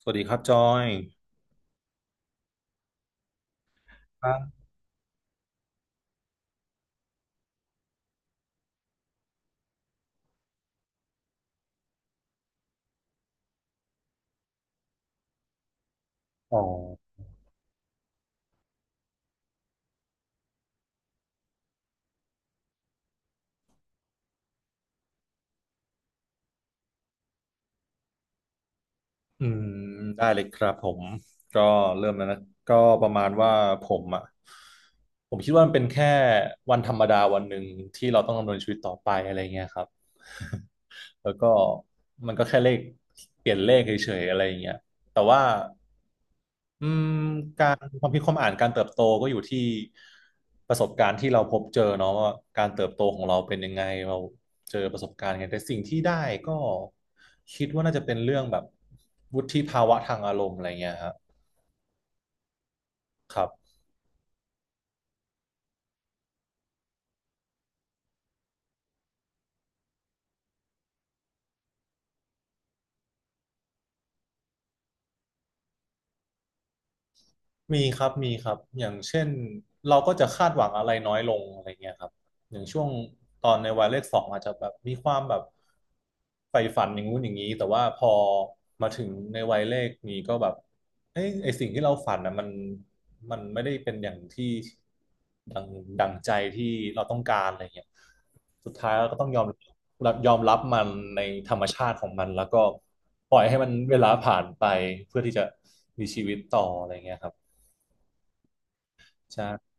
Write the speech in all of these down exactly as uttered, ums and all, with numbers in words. สวัสดีครับจอยอืมได้เลยครับผมก็เริ่มแล้วนะก็ประมาณว่าผมอ่ะผมคิดว่ามันเป็นแค่วันธรรมดาวันหนึ่งที่เราต้องดำเนินชีวิตต่อไปอะไรเงี้ยครับแล้วก็มันก็แค่เลขเปลี่ยนเลขเฉยๆอะไรเงี้ยแต่ว่า อืมการความคิดความอ่านการเติบโตก็อยู่ที่ประสบการณ์ที่เราพบเจอเนาะว่าการเติบโตของเราเป็นยังไงเราเจอประสบการณ์ไงแต่สิ่งที่ได้ก็คิดว่าน่าจะเป็นเรื่องแบบวุฒิภาวะทางอารมณ์อะไรเงี้ยฮะครับ มีครับมีครับอย่างเช่นเราก็จะคาดหวังอะไรน้อยลงอะไรเงี้ยครับอย่างช่วงตอนในวัยเลขสองอาจจะแบบมีความแบบใฝ่ฝันอย่างงู้นอย่างนี้แต่ว่าพอมาถึงในวัยเลขนี้ก็แบบเอ้ยไอสิ่งที่เราฝันนะมันมันไม่ได้เป็นอย่างที่ดังดังใจที่เราต้องการอะไรเงี้ยสุดท้ายเราก็ต้องยอมรับยอมรับมันในธรรมชาติของมันแล้วก็ปล่อยให้มันเวลาผ่านไปเพื่อที่จะมีชีวิตต่ออะไรเงี้ยครับ ใช่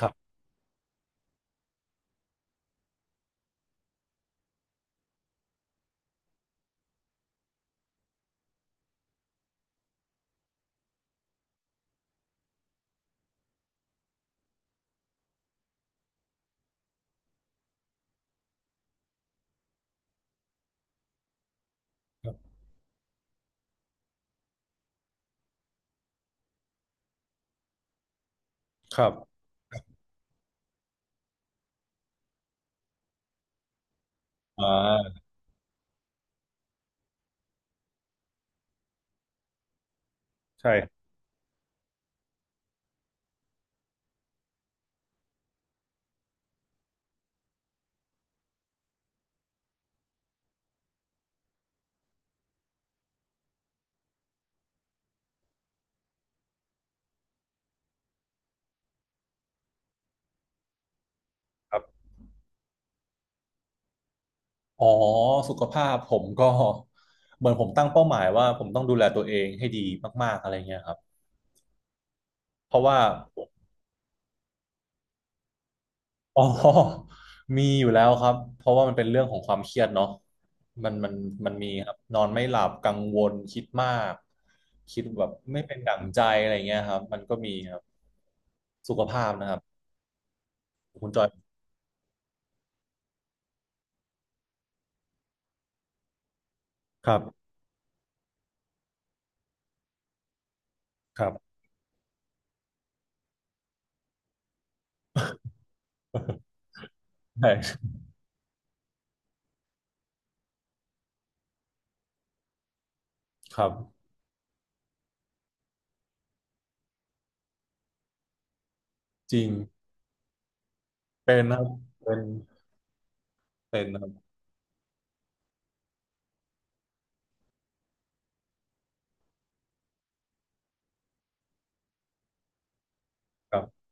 ครับครับครับอ่าใช่ครับอ๋อสุขภาพผมก็เหมือนผมตั้งเป้าหมายว่าผมต้องดูแลตัวเองให้ดีมากๆอะไรเงี้ยครับเพราะว่าอ๋อมีอยู่แล้วครับเพราะว่ามันเป็นเรื่องของความเครียดเนาะมันมันมันมีครับนอนไม่หลับกังวลคิดมากคิดแบบไม่เป็นดั่งใจอะไรเงี้ยครับมันก็มีครับสุขภาพนะครับคุณจอยครับครับ ใช่ครับจริงเป็นครับเป็น เป็นนะครับครับ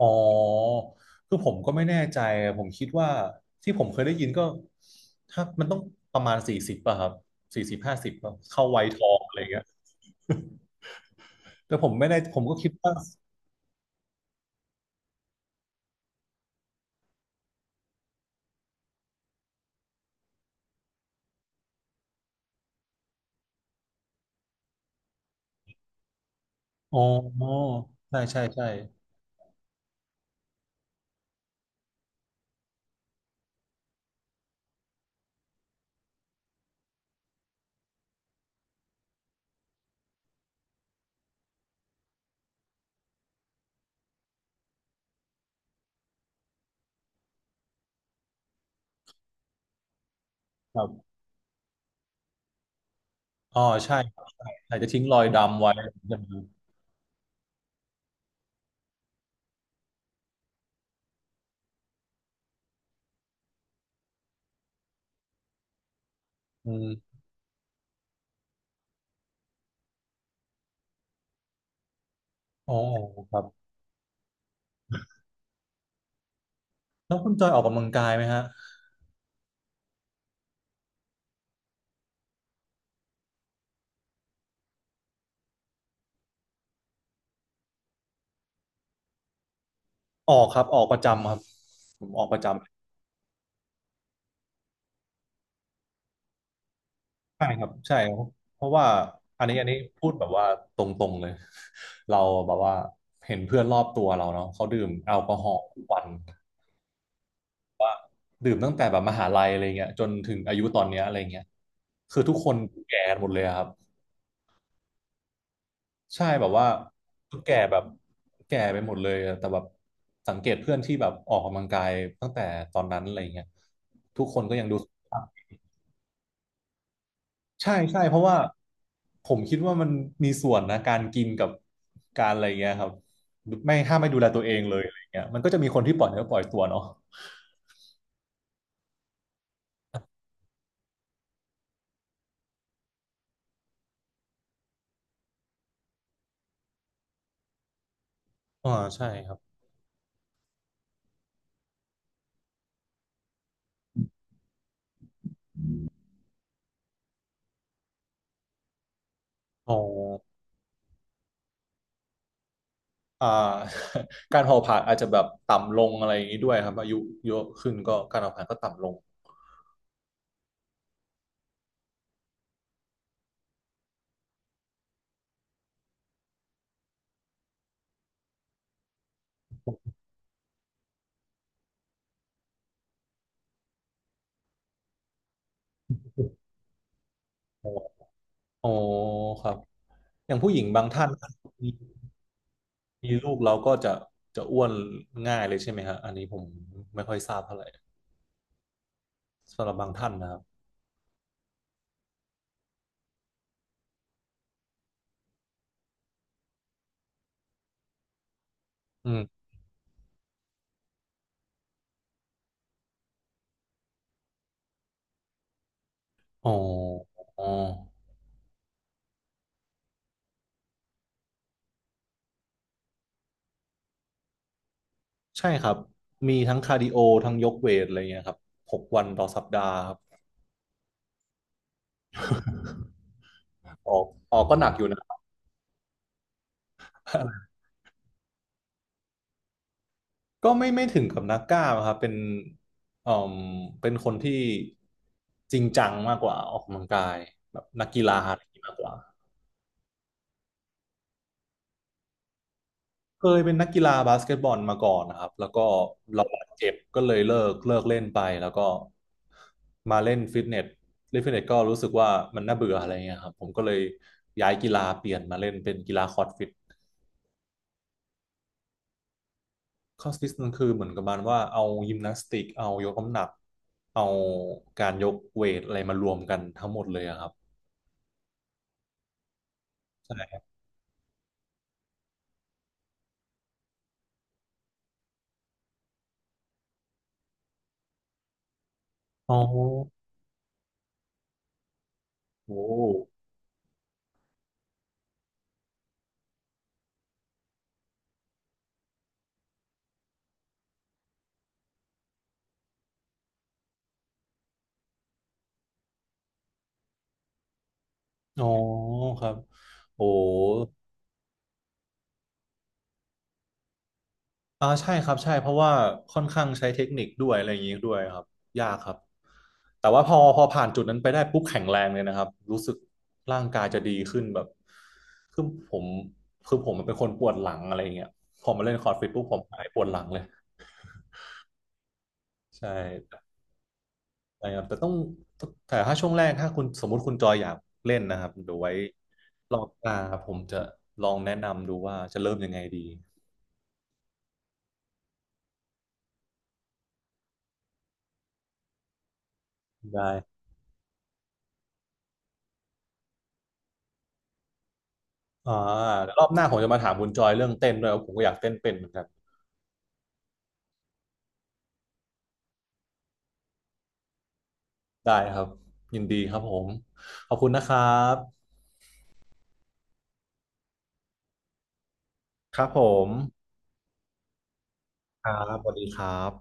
อ๋อคือผมก็ไม่แน่ใจ ผมคิดว่าที่ผมเคยได้ยินก็ถ้ามันต้องประมาณสี่สิบป่ะครับสี่สิบห้าสิบเข้าวัยทองอะไรเงี้ยแต่ผมไม่ได้ผมก็คิดว่าอ๋อใช่ใช่ใช่ครับอ๋อใช่อาจจะทิ้งรอยดำไว้ใช่ไหมอืมอ๋อครับแล้วคุณจอยออกกำลังกายไหมฮะออกครับออกประจำครับผมออกประจำ ใช่ครับใช่ครับเพราะว่าอันนี้อันนี้พูดแบบว่าตรงๆเลย เราแบบว่าเห็นเพื่อนรอบตัวเราเนาะเขาดื่มแอลกอฮอล์ทุกวันดื่มตั้งแต่แบบมหาลัยอะไรเงี้ยจนถึงอายุตอนเนี้ยอะไรเงี้ยคือทุกคนแก่หมดเลยอะครับใช่แบบว่าแก่แบบแก่ไปหมดเลยอะแต่แบบสังเกตเพื่อนที่แบบออกกำลังกายตั้งแต่ตอนนั้นอะไรเงี้ยทุกคนก็ยังดู ใช่ใช่เพราะว่าผมคิดว่ามันมีส่วนนะการกินกับการอะไรเงี้ยครับไม่ถ้าไม่ดูแลตัวเองเลยอะไรเงี้ยมันก็จะมีคนที่ปล่อยเนื้อปล่อยตัวเนาะอ่าใช่ครับอ๋ออ่า การเผาผลาญอาจจะแบบต่ำลงอะไรอย่างนี้ด้วยครับอายุเยอะขึ้นก็การเผาผลาญก็ต่ำลงอ๋ออ๋อครับอย่างผู้หญิงบางท่านมีมีลูกแล้วก็จะจะอ้วนง่ายเลยใช่ไหมฮะอันนี้ผมไม่ค่อยทราบเท่าไหร่สำหรับบางท่านนะครับอืม อ๋ออ๋อ ใช่ครับ มีทั้งคาร์ดิโอ ทั้งยกเวทอะไรเงี้ยครับหกวันต่อสัปดาห์ครับ ออกออกก็หนักอยู่นะ ก็ไม่ไม่ถึงกับนักกล้ามครับเป็นเอ่มเป็นคนที่จริงจังมากกว่าออกกำลังกายแบบนักกีฬาอะไรอย่างนี้มากกว่า เคยเป็นนักกีฬาบาสเกตบอลมาก่อนนะครับแล้วก็เราบาดเจ็บก็เลยเลิกเลิกเล่นไป แล้วก็มาเล่นฟิตเนสเล่นฟิตเนสก็รู้สึกว่ามันน่าเบื่ออะไรเงี้ยครับ ผมก็เลยย้ายกีฬาเปลี่ยนมาเล่นเป็นกีฬาคอร์ดฟิตคอสฟิตมันคือเหมือนกับมันว่าเอายิมนาสติกเอายกน้ำหนักเอาการยกเวทอะไรมารวมกันทั้งหมดเลยอะครับใช่อ๋อโอ้อ๋อครับโอ้ อ่าใช่ครับใช่เพราะว่าค่อนข้างใช้เทคนิคด้วยอะไรอย่างนี้ด้วยครับยากครับแต่ว่าพอพอผ่านจุดนั้นไปได้ปุ๊บแข็งแรงเลยนะครับรู้สึกร่างกายจะดีขึ้นแบบคือผมคือผมเป็นคนปวดหลังอะไรอย่างเงี้ยพอมาเล่นคอร์ดฟิตปุ๊บผมหายปวดหลังเลยใช่ใช่ครับแต่ต้องแต่ถ้าช่วงแรกถ้าคุณสมมุติคุณจอยอยากเล่นนะครับเดี๋ยวไว้รอบหน้าผมจะลองแนะนำดูว่าจะเริ่มยังไงดีได้ อ่าเดี๋ยวรอบหน้าผมจะมาถามคุณจอยเรื่องเต้นด้วยว่าะผมก็อยากเต้นเป็นเหมือนกันได้ครับยินดีครับผมขอบคุณนะครับครับผมครับบสวัสดีครับ